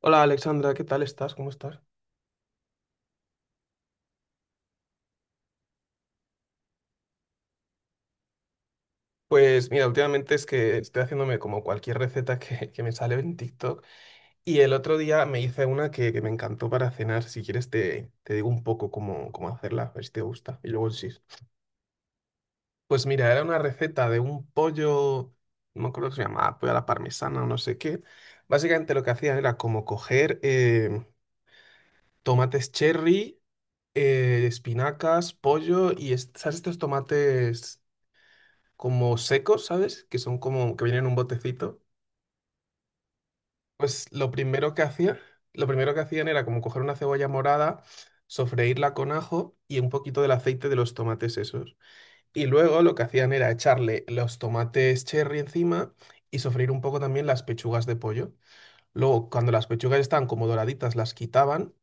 Hola Alexandra, ¿qué tal estás? ¿Cómo estás? Pues mira, últimamente es que estoy haciéndome como cualquier receta que me sale en TikTok y el otro día me hice una que me encantó para cenar. Si quieres te digo un poco cómo hacerla, a ver si te gusta y luego sí. Pues mira, era una receta de un pollo, no me acuerdo que se llamaba, pollo a la parmesana o no sé qué. Básicamente lo que hacía era como coger tomates cherry, espinacas, pollo y ¿sabes estos tomates? Como secos, ¿sabes? Que son como que vienen en un botecito. Pues lo primero que hacía, lo primero que hacían era como coger una cebolla morada, sofreírla con ajo y un poquito del aceite de los tomates esos. Y luego lo que hacían era echarle los tomates cherry encima y sofreír un poco también las pechugas de pollo. Luego, cuando las pechugas estaban como doraditas, las quitaban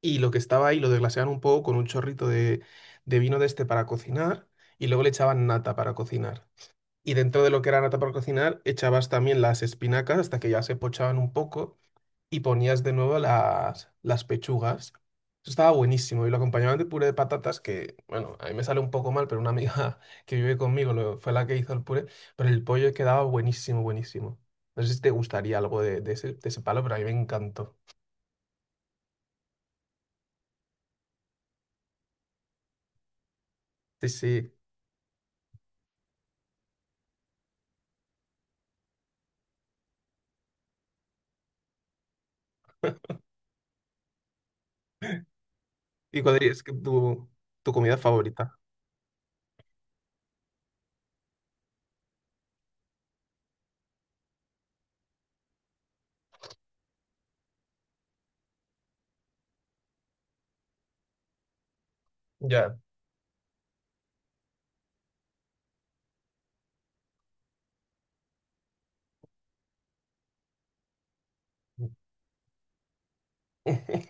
y lo que estaba ahí lo desglaseaban un poco con un chorrito de vino de este para cocinar y luego le echaban nata para cocinar. Y dentro de lo que era nata para cocinar echabas también las espinacas hasta que ya se pochaban un poco y ponías de nuevo las pechugas. Eso estaba buenísimo y lo acompañaban de puré de patatas que, bueno, a mí me sale un poco mal, pero una amiga que vive conmigo fue la que hizo el puré, pero el pollo quedaba buenísimo, buenísimo. No sé si te gustaría algo de ese palo, pero a mí me encantó. Sí, sí. ¿Y cuál dirías que tu comida favorita? Ya.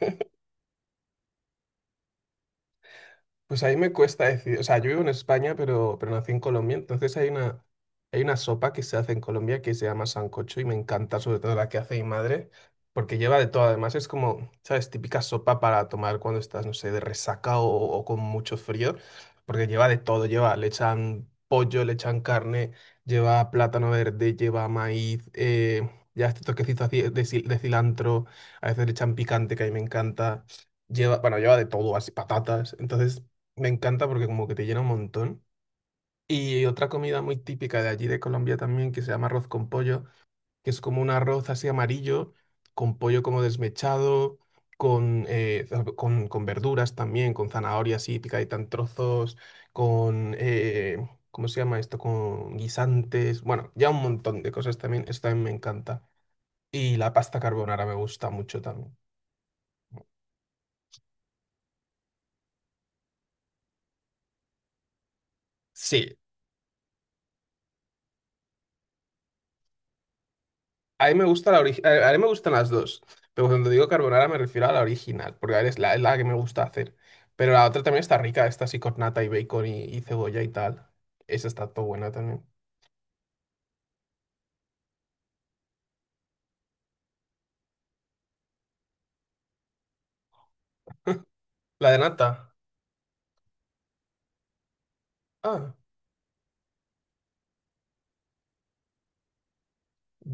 Pues ahí me cuesta decir, o sea, yo vivo en España, pero nací en Colombia, entonces hay una sopa que se hace en Colombia que se llama sancocho y me encanta, sobre todo la que hace mi madre, porque lleva de todo, además es como, ¿sabes? Típica sopa para tomar cuando estás, no sé, de resaca o con mucho frío, porque lleva de todo, lleva, le echan pollo, le echan carne, lleva plátano verde, lleva maíz, ya este toquecito así de, de cilantro, a veces le echan picante que a mí me encanta, lleva, bueno, lleva de todo, así patatas, entonces... Me encanta porque como que te llena un montón. Y otra comida muy típica de allí de Colombia también, que se llama arroz con pollo, que es como un arroz así amarillo, con pollo como desmechado, con, con verduras también, con zanahoria así picadita en trozos, con, ¿cómo se llama esto? Con guisantes, bueno, ya un montón de cosas también, eso también me encanta. Y la pasta carbonara me gusta mucho también. Sí, a mí me gusta la a mí me gustan las dos, pero cuando digo carbonara me refiero a la original, porque es es la que me gusta hacer. Pero la otra también está rica, esta así con nata y bacon y cebolla y tal. Esa está todo buena también. La de nata. Ah,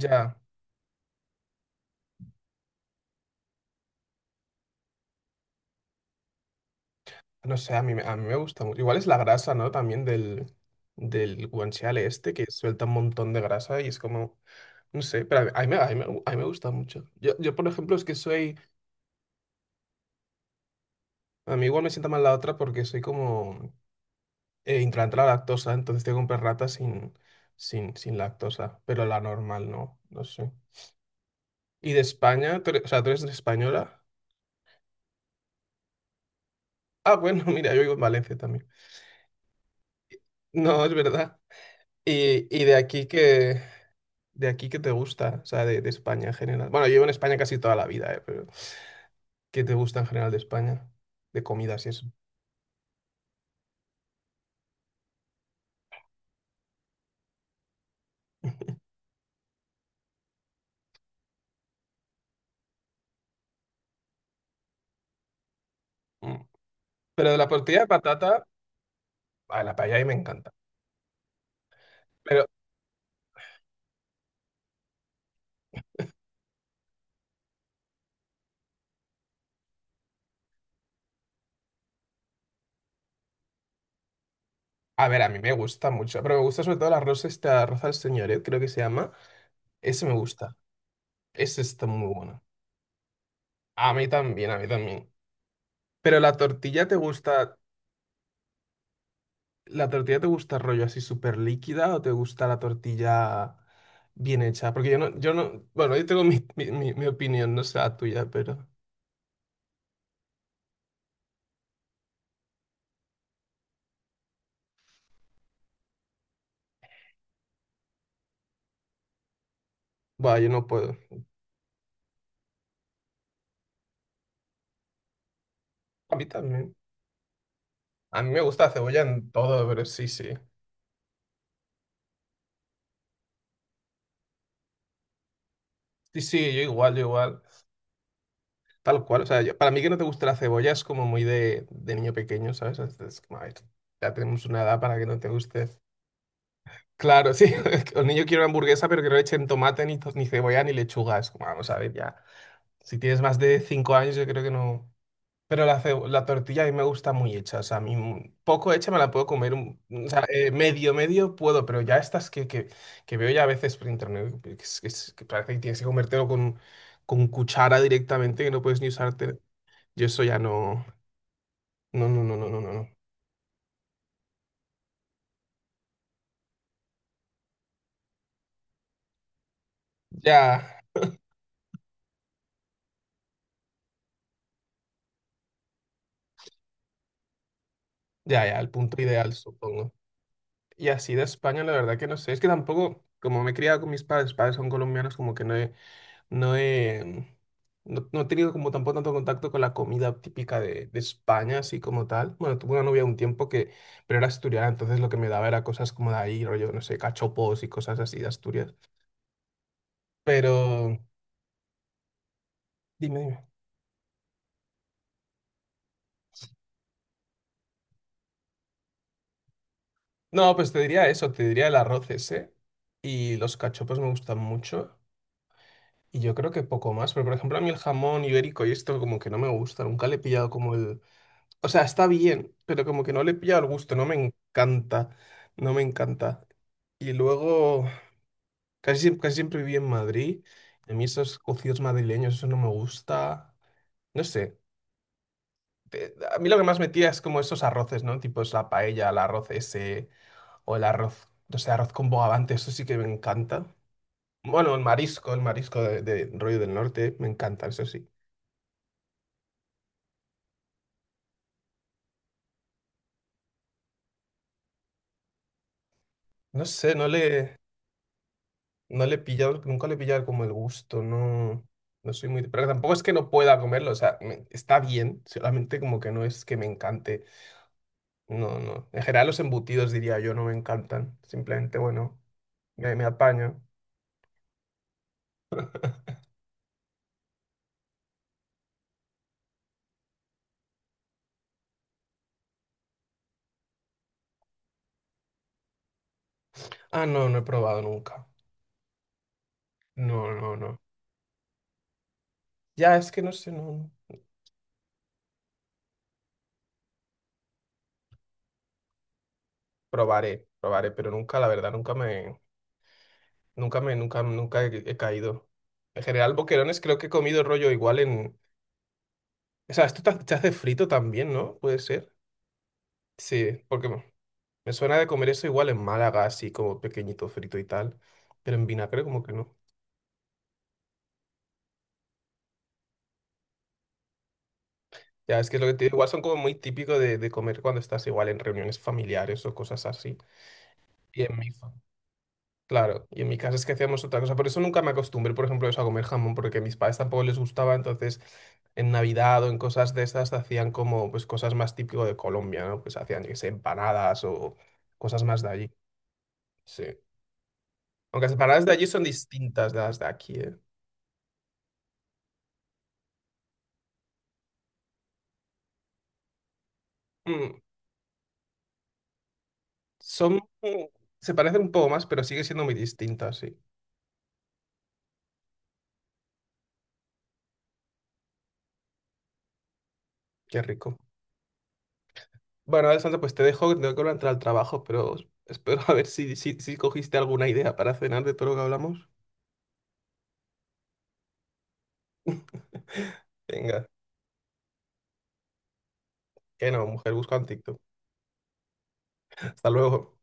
ya. No sé, a mí, a mí me gusta mucho. Igual es la grasa, ¿no? También del, del guanciale este, que suelta un montón de grasa y es como, no sé, pero a mí me gusta mucho. Yo, por ejemplo, es que soy, a mí igual me sienta mal la otra porque soy como... intolerante a la lactosa, entonces tengo que comprar rata sin, sin lactosa, pero la normal no, no sé. ¿Y de España? O sea, ¿tú eres española? Ah, bueno, mira, yo vivo en Valencia también. No, es verdad. Y de aquí que te gusta, o sea, de España en general. Bueno, yo vivo en España casi toda la vida, pero ¿qué te gusta en general de España? De comidas y eso. Mm. Pero de la tortilla de patata, a la paella ahí me encanta. Pero, a ver, a mí me gusta mucho, pero me gusta sobre todo el arroz este, arroz al señoret, creo que se llama. Ese me gusta. Esa está muy buena. A mí también, a mí también. Pero la tortilla te gusta, ¿la tortilla te gusta rollo así súper líquida o te gusta la tortilla bien hecha? Porque yo no, yo no, bueno, yo tengo mi opinión, no sé la tuya, pero va, yo no puedo. A mí también. A mí me gusta la cebolla en todo, pero sí, sí. Sí, sí, yo igual, yo igual. Tal cual. O sea, para mí que no te guste la cebolla es como muy de niño pequeño, ¿sabes? Es como, a ver, ya tenemos una edad para que no te guste. Claro, sí. El niño quiere una hamburguesa, pero que no le echen tomate, ni, ni cebolla, ni lechuga. Es como, vamos a ver, ya. Si tienes más de 5 años, yo creo que no. Pero la, la tortilla a mí me gusta muy hecha. O sea, a mí poco hecha me la puedo comer. O sea, medio, medio puedo, pero ya estas que veo ya a veces por internet, que, que parece que tienes que comértelo con cuchara directamente, que no puedes ni usarte. Yo eso ya no. No, no, no, no, no, no. No. Ya, ya, ya, el punto ideal, supongo. Y así de España, la verdad que no sé. Es que tampoco, como me he criado con mis padres, padres son colombianos, como que no he, no he, no, no he tenido como tampoco tanto contacto con la comida típica de España, así como tal. Bueno, tuve una novia un tiempo que, pero era asturiana, entonces lo que me daba era cosas como de ahí, rollo, no sé, cachopos y cosas así de Asturias. Pero, dime, dime. No, pues te diría eso, te diría el arroz ese. Y los cachopos me gustan mucho. Y yo creo que poco más. Pero, por ejemplo, a mí el jamón ibérico y esto como que no me gusta. Nunca le he pillado como el... O sea, está bien, pero como que no le he pillado el gusto, no me encanta, no me encanta. Y luego, casi siempre viví en Madrid, y a mí esos cocidos madrileños, eso no me gusta, no sé. A mí lo que más me tira es como esos arroces, ¿no? Tipo es la paella, el arroz ese, o el arroz, no sé, arroz con bogavante, eso sí que me encanta. Bueno, el marisco de rollo del norte, me encanta, eso sí. No sé, no le... No le he pillado, nunca le he pillado como el gusto, no, no soy muy... Pero tampoco es que no pueda comerlo, o sea, está bien, solamente como que no es que me encante. No, no. En general los embutidos, diría yo, no me encantan. Simplemente, bueno, me apaño. Ah, no, no he probado nunca. No, no, no. Ya, es que no sé, no. No. Probaré, probaré, pero nunca, la verdad, nunca me... nunca, nunca he caído. En general, boquerones creo que he comido rollo igual en... O sea, esto se hace frito también, ¿no? Puede ser. Sí, porque me suena de comer eso igual en Málaga, así como pequeñito frito y tal, pero en vinagre como que no. Ya, es que es lo que te digo, igual son como muy típico de comer cuando estás igual en reuniones familiares o cosas así. Y en mi, fa- claro, y en mi casa es que hacíamos otra cosa, por eso nunca me acostumbré, por ejemplo, eso a comer jamón, porque a mis padres tampoco les gustaba, entonces en Navidad o en cosas de estas hacían como pues cosas más típico de Colombia, ¿no? Pues hacían, yo qué sé, empanadas o cosas más de allí. Sí. Aunque las empanadas de allí son distintas de las de aquí, ¿eh? Mm. Son, se parecen un poco más, pero sigue siendo muy distintas, sí. Qué rico. Bueno, Alessandra, pues te dejo, que tengo que entrar al trabajo, pero espero a ver si cogiste alguna idea para cenar de todo lo que hablamos. Venga, que no, mujer, busca en TikTok. Hasta luego.